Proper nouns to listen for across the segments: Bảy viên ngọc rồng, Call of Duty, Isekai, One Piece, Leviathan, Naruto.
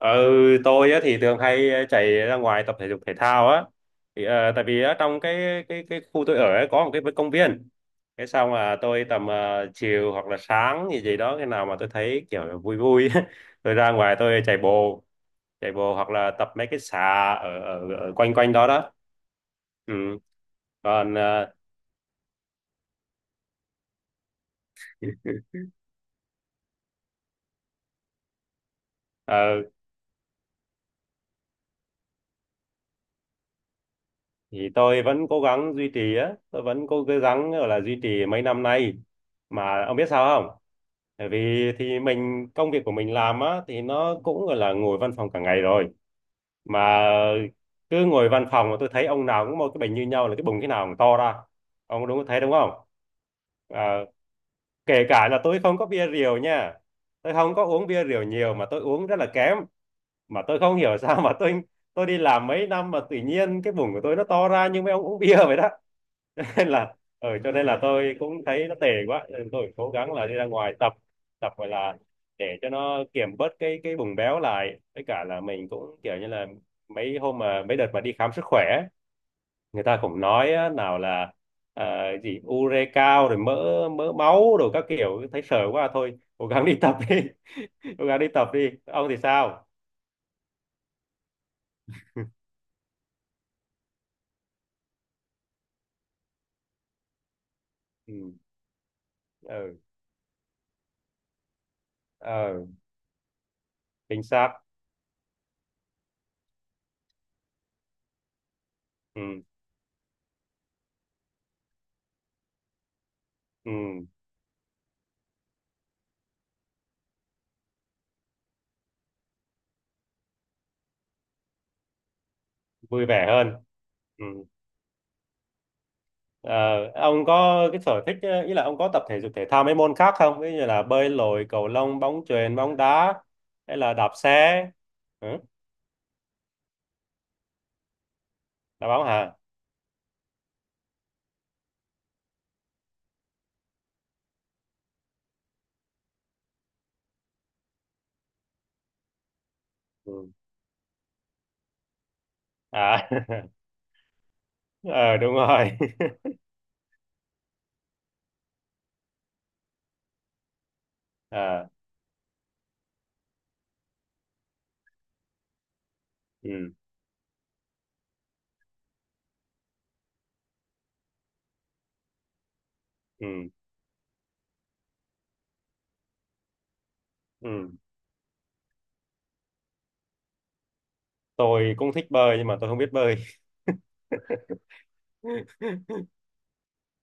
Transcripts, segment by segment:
Ừ, tôi á, thì thường hay chạy ra ngoài tập thể dục thể thao á. Thì, tại vì ở trong cái khu tôi ở ấy, có một cái công viên. Cái xong là tôi tầm chiều hoặc là sáng gì gì đó, khi nào mà tôi thấy kiểu là vui vui tôi ra ngoài tôi chạy bộ hoặc là tập mấy cái xà ở ở, ở quanh quanh đó đó. Ừ. Còn ờ, thì tôi vẫn cố gắng duy trì á, tôi vẫn cố gắng gọi là duy trì mấy năm nay. Mà ông biết sao không? Bởi vì thì mình công việc của mình làm á thì nó cũng gọi là ngồi văn phòng cả ngày rồi, mà cứ ngồi văn phòng mà tôi thấy ông nào cũng một cái bệnh như nhau là cái bụng cái nào cũng to ra. Ông đúng thấy đúng không? À, kể cả là tôi không có bia rượu nha, tôi không có uống bia rượu nhiều mà tôi uống rất là kém, mà tôi không hiểu sao mà tôi đi làm mấy năm mà tự nhiên cái bụng của tôi nó to ra như mấy ông uống bia vậy đó, nên là cho nên là tôi cũng thấy nó tệ quá nên tôi cố gắng là đi ra ngoài tập, gọi là để cho nó kiểm bớt cái bùng béo lại, với cả là mình cũng kiểu như là mấy hôm mà mấy đợt mà đi khám sức khỏe ấy, người ta cũng nói á, nào là ờ, gì ure cao rồi mỡ mỡ máu rồi các kiểu, thấy sợ quá thôi cố gắng đi tập đi. Cố gắng đi tập đi, ông thì sao? Ừ, ừ, ừ. Chính xác. Ừ, ừ. Vui vẻ hơn. Ừ. Ờ, ông có cái sở thích, ý là ông có tập thể dục thể thao mấy môn khác không? Ví dụ như là bơi lội, cầu lông, bóng chuyền, bóng đá hay là đạp xe. Ừ, đá bóng hả? Ừ. À, ờ đúng rồi. À, ừ, ừ, ừ. Tôi cũng thích bơi nhưng mà tôi không biết bơi.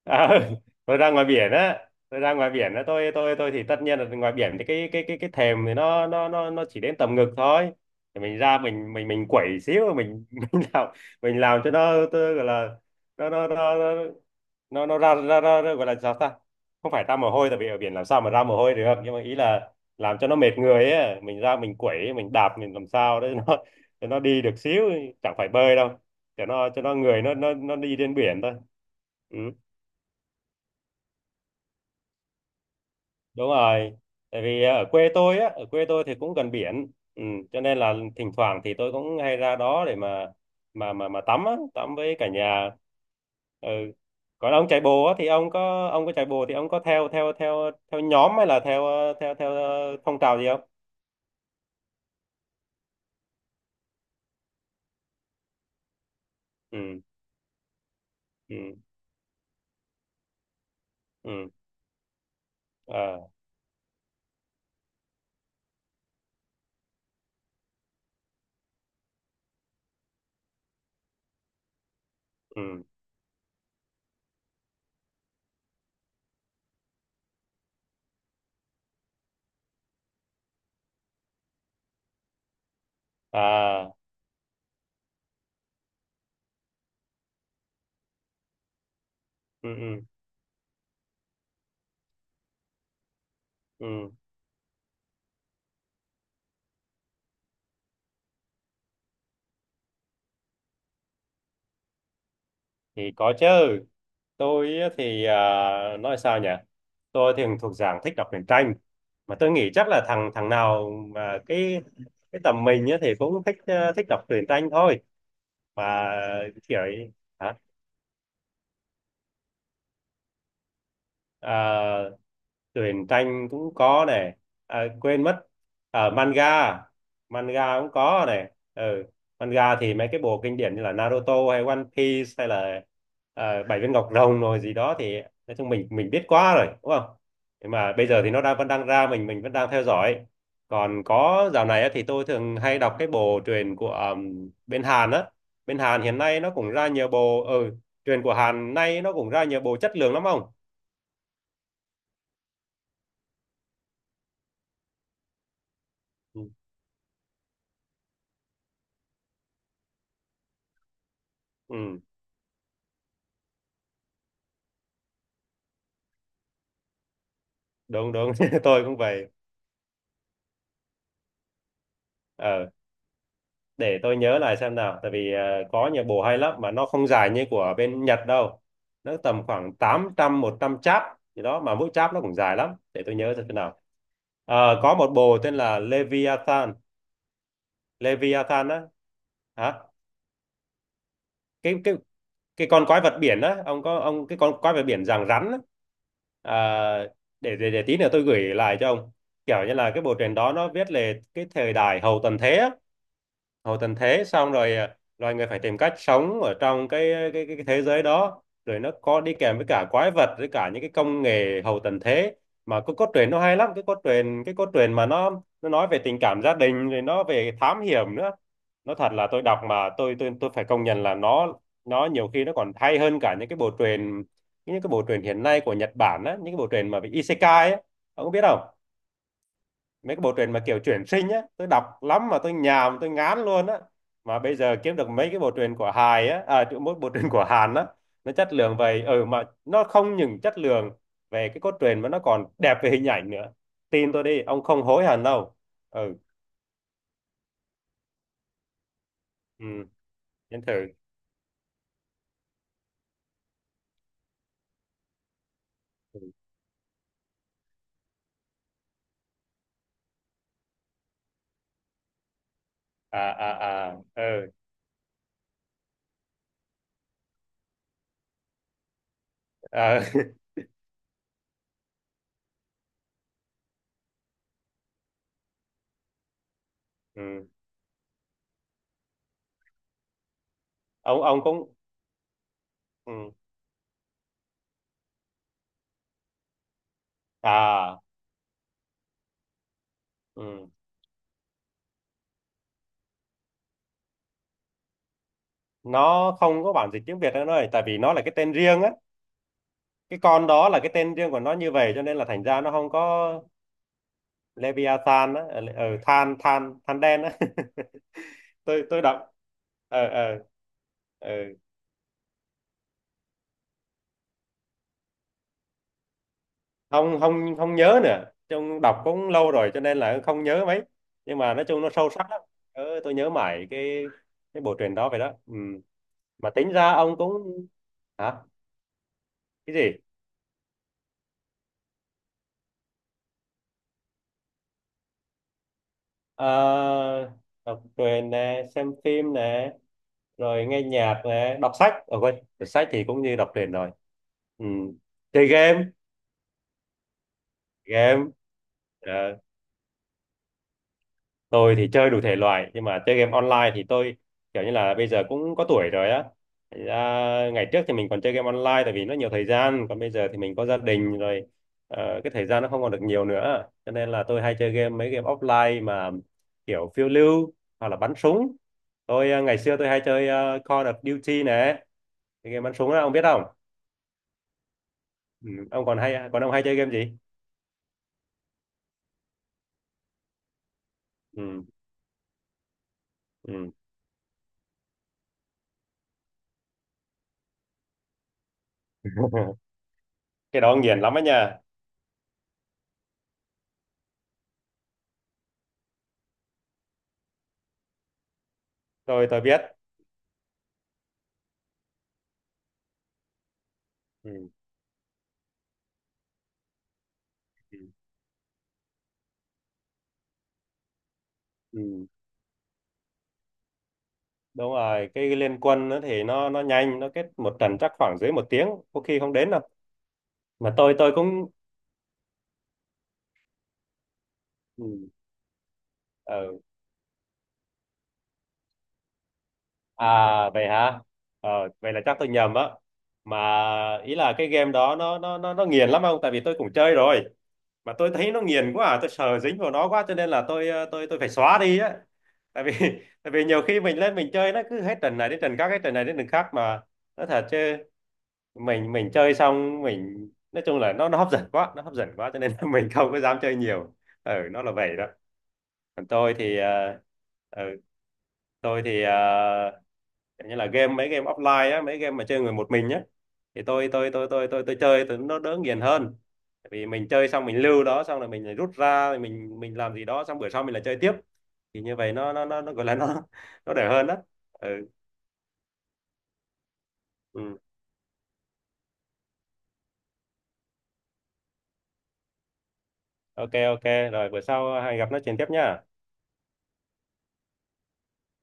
À, tôi ra ngoài biển á, tôi thì tất nhiên là ngoài biển thì cái thềm thì nó chỉ đến tầm ngực thôi. Thì mình ra mình quẩy xíu mình mình làm mình làm cho nó, tôi gọi là nó nó nó nó nó, nó ra, ra ra ra- gọi là sao ta? Không phải ra mồ hôi tại vì ở biển làm sao mà ra mồ hôi được, nhưng mà ý là làm cho nó mệt người ấy, mình ra mình quẩy, mình đạp, mình làm sao để nó đi được xíu, chẳng phải bơi đâu. Cho nó người nó đi trên biển thôi. Ừ. Đúng rồi, tại vì ở quê tôi thì cũng gần biển, cho nên là thỉnh thoảng thì tôi cũng hay ra đó để mà tắm với cả nhà. Ừ. Còn ông chạy bộ á, thì ông có chạy bộ thì ông có theo theo theo theo nhóm hay là theo ờ, theo theo ờ, phong trào gì không? Ừ, ừ, ừ. À, ừ. À, ừ, ừ, ừ. Thì có chứ. Tôi thì, à, nói sao nhỉ, tôi thì thuộc dạng thích đọc truyện tranh, mà tôi nghĩ chắc là thằng thằng nào mà cái tầm mình á thì cũng thích đọc truyện tranh thôi, và kiểu ấy. Hả? À, truyện tranh cũng có này, à, quên mất, ở manga. Manga cũng có này. Ừ. Manga thì mấy cái bộ kinh điển như là Naruto hay One Piece hay là Bảy viên ngọc rồng rồi gì đó thì, nói chung mình biết quá rồi đúng không? Nhưng mà bây giờ thì nó vẫn đang ra, mình vẫn đang theo dõi. Còn có dạo này á, thì tôi thường hay đọc cái bộ truyện của bên Hàn á. Bên Hàn hiện nay nó cũng ra nhiều bộ, truyện của Hàn nay nó cũng ra nhiều bộ chất lượng lắm không. Ừ. Ừ. Đúng đúng, tôi cũng vậy. ờ để tôi nhớ lại xem nào, tại vì có nhiều bộ hay lắm mà nó không dài như của bên Nhật đâu, nó tầm khoảng tám trăm một trăm chap gì đó mà mỗi chap nó cũng dài lắm, để tôi nhớ xem thế nào. Có một bộ tên là Leviathan. Leviathan á. Hả? Cái cái cái con quái vật biển á, ông cái con quái vật biển dạng rắn á. À, để tí nữa tôi gửi lại cho ông. Kiểu như là cái bộ truyện đó nó viết về cái thời đại hậu tận thế á. Hậu tận thế, xong rồi à, loài người phải tìm cách sống ở trong cái thế giới đó, rồi nó có đi kèm với cả quái vật, với cả những cái công nghệ hậu tận thế, mà cái cốt truyện nó hay lắm. Cái cốt truyện mà nó nói về tình cảm gia đình, rồi nó về thám hiểm nữa. Nó thật là tôi đọc mà tôi phải công nhận là nó nhiều khi nó còn hay hơn cả những cái bộ truyện hiện nay của Nhật Bản á, những cái bộ truyện mà về Isekai á, ông có biết không? Mấy cái bộ truyện mà kiểu chuyển sinh á, tôi đọc lắm mà tôi nhàm tôi ngán luôn á. Mà bây giờ kiếm được mấy cái bộ truyện của Hài á, à chứ mỗi bộ truyện của Hàn á, nó chất lượng vậy, mà nó không những chất lượng về cái cốt truyện mà nó còn đẹp về hình ảnh nữa, tin tôi đi ông không hối hận đâu. Ừ, ừ. Đến thử. Ừ. À, à, à, ừ. À, ừ. Ông cũng. Ừ. À, ừ. Nó không có bản dịch tiếng Việt nữa rồi, tại vì nó là cái tên riêng á, cái con đó là cái tên riêng của nó như vậy, cho nên là thành ra nó không có. Leviathan á, ở than than than đen á. Tôi đọc. ờ ờ ờ không không không nhớ nữa, chung đọc cũng lâu rồi cho nên là không nhớ mấy, nhưng mà nói chung nó sâu sắc lắm. Tôi nhớ mãi cái bộ truyện đó vậy đó. Ừ. Mà tính ra ông cũng. Hả? Cái gì? Ờ, đọc truyện nè, xem phim nè, rồi nghe nhạc này, đọc sách, quên, đọc sách thì cũng như đọc truyện rồi. Ừ. Chơi game. game ờ, tôi thì chơi đủ thể loại, nhưng mà chơi game online thì tôi kiểu như là bây giờ cũng có tuổi rồi á. Thành ra ngày trước thì mình còn chơi game online tại vì nó nhiều thời gian, còn bây giờ thì mình có gia đình rồi, cái thời gian nó không còn được nhiều nữa, cho nên là tôi hay chơi mấy game offline mà kiểu phiêu lưu hoặc là bắn súng. Tôi, ngày xưa tôi hay chơi, Call of Duty này, cái game bắn súng đó ông biết không? Ừ. ông còn hay Còn ông hay chơi game gì? Ừ. Ừ. Cái đó ông nghiền lắm ấy nha. Tôi biết. Ừ. Ừ. Ừ. Đúng rồi, cái liên quân nó thì nó nhanh, nó kết một trận chắc khoảng dưới một tiếng có khi không đến đâu. Mà tôi cũng. Ừ. Ừ. À, vậy hả? ờ, vậy là chắc tôi nhầm á, mà ý là cái game đó nó nghiền lắm không? Tại vì tôi cũng chơi rồi mà tôi thấy nó nghiền quá, à, tôi sợ dính vào nó quá cho nên là tôi ờ, tôi phải xóa đi á. Tại vì tại vì nhiều khi mình lên mình chơi, nó cứ hết trận này đến trận khác, hết trận này đến trận khác, mà nó thật chứ, mình chơi xong mình nói chung là nó hấp dẫn quá, nó hấp dẫn quá, cho nên là mình không có dám chơi nhiều. Ừ, nó là vậy đó. Còn tôi thì, ừ, tôi thì ờ, kiểu như là mấy game offline á, mấy game mà chơi người một mình nhá. Thì tôi chơi nó đỡ nghiền hơn, vì mình chơi xong mình lưu đó xong rồi mình lại rút ra, rồi mình làm gì đó xong bữa sau mình lại chơi tiếp, thì như vậy nó gọi là nó nó đỡ hơn đó. Ừ, ừ. OK, OK, rồi bữa sau hãy gặp nói chuyện tiếp nhá.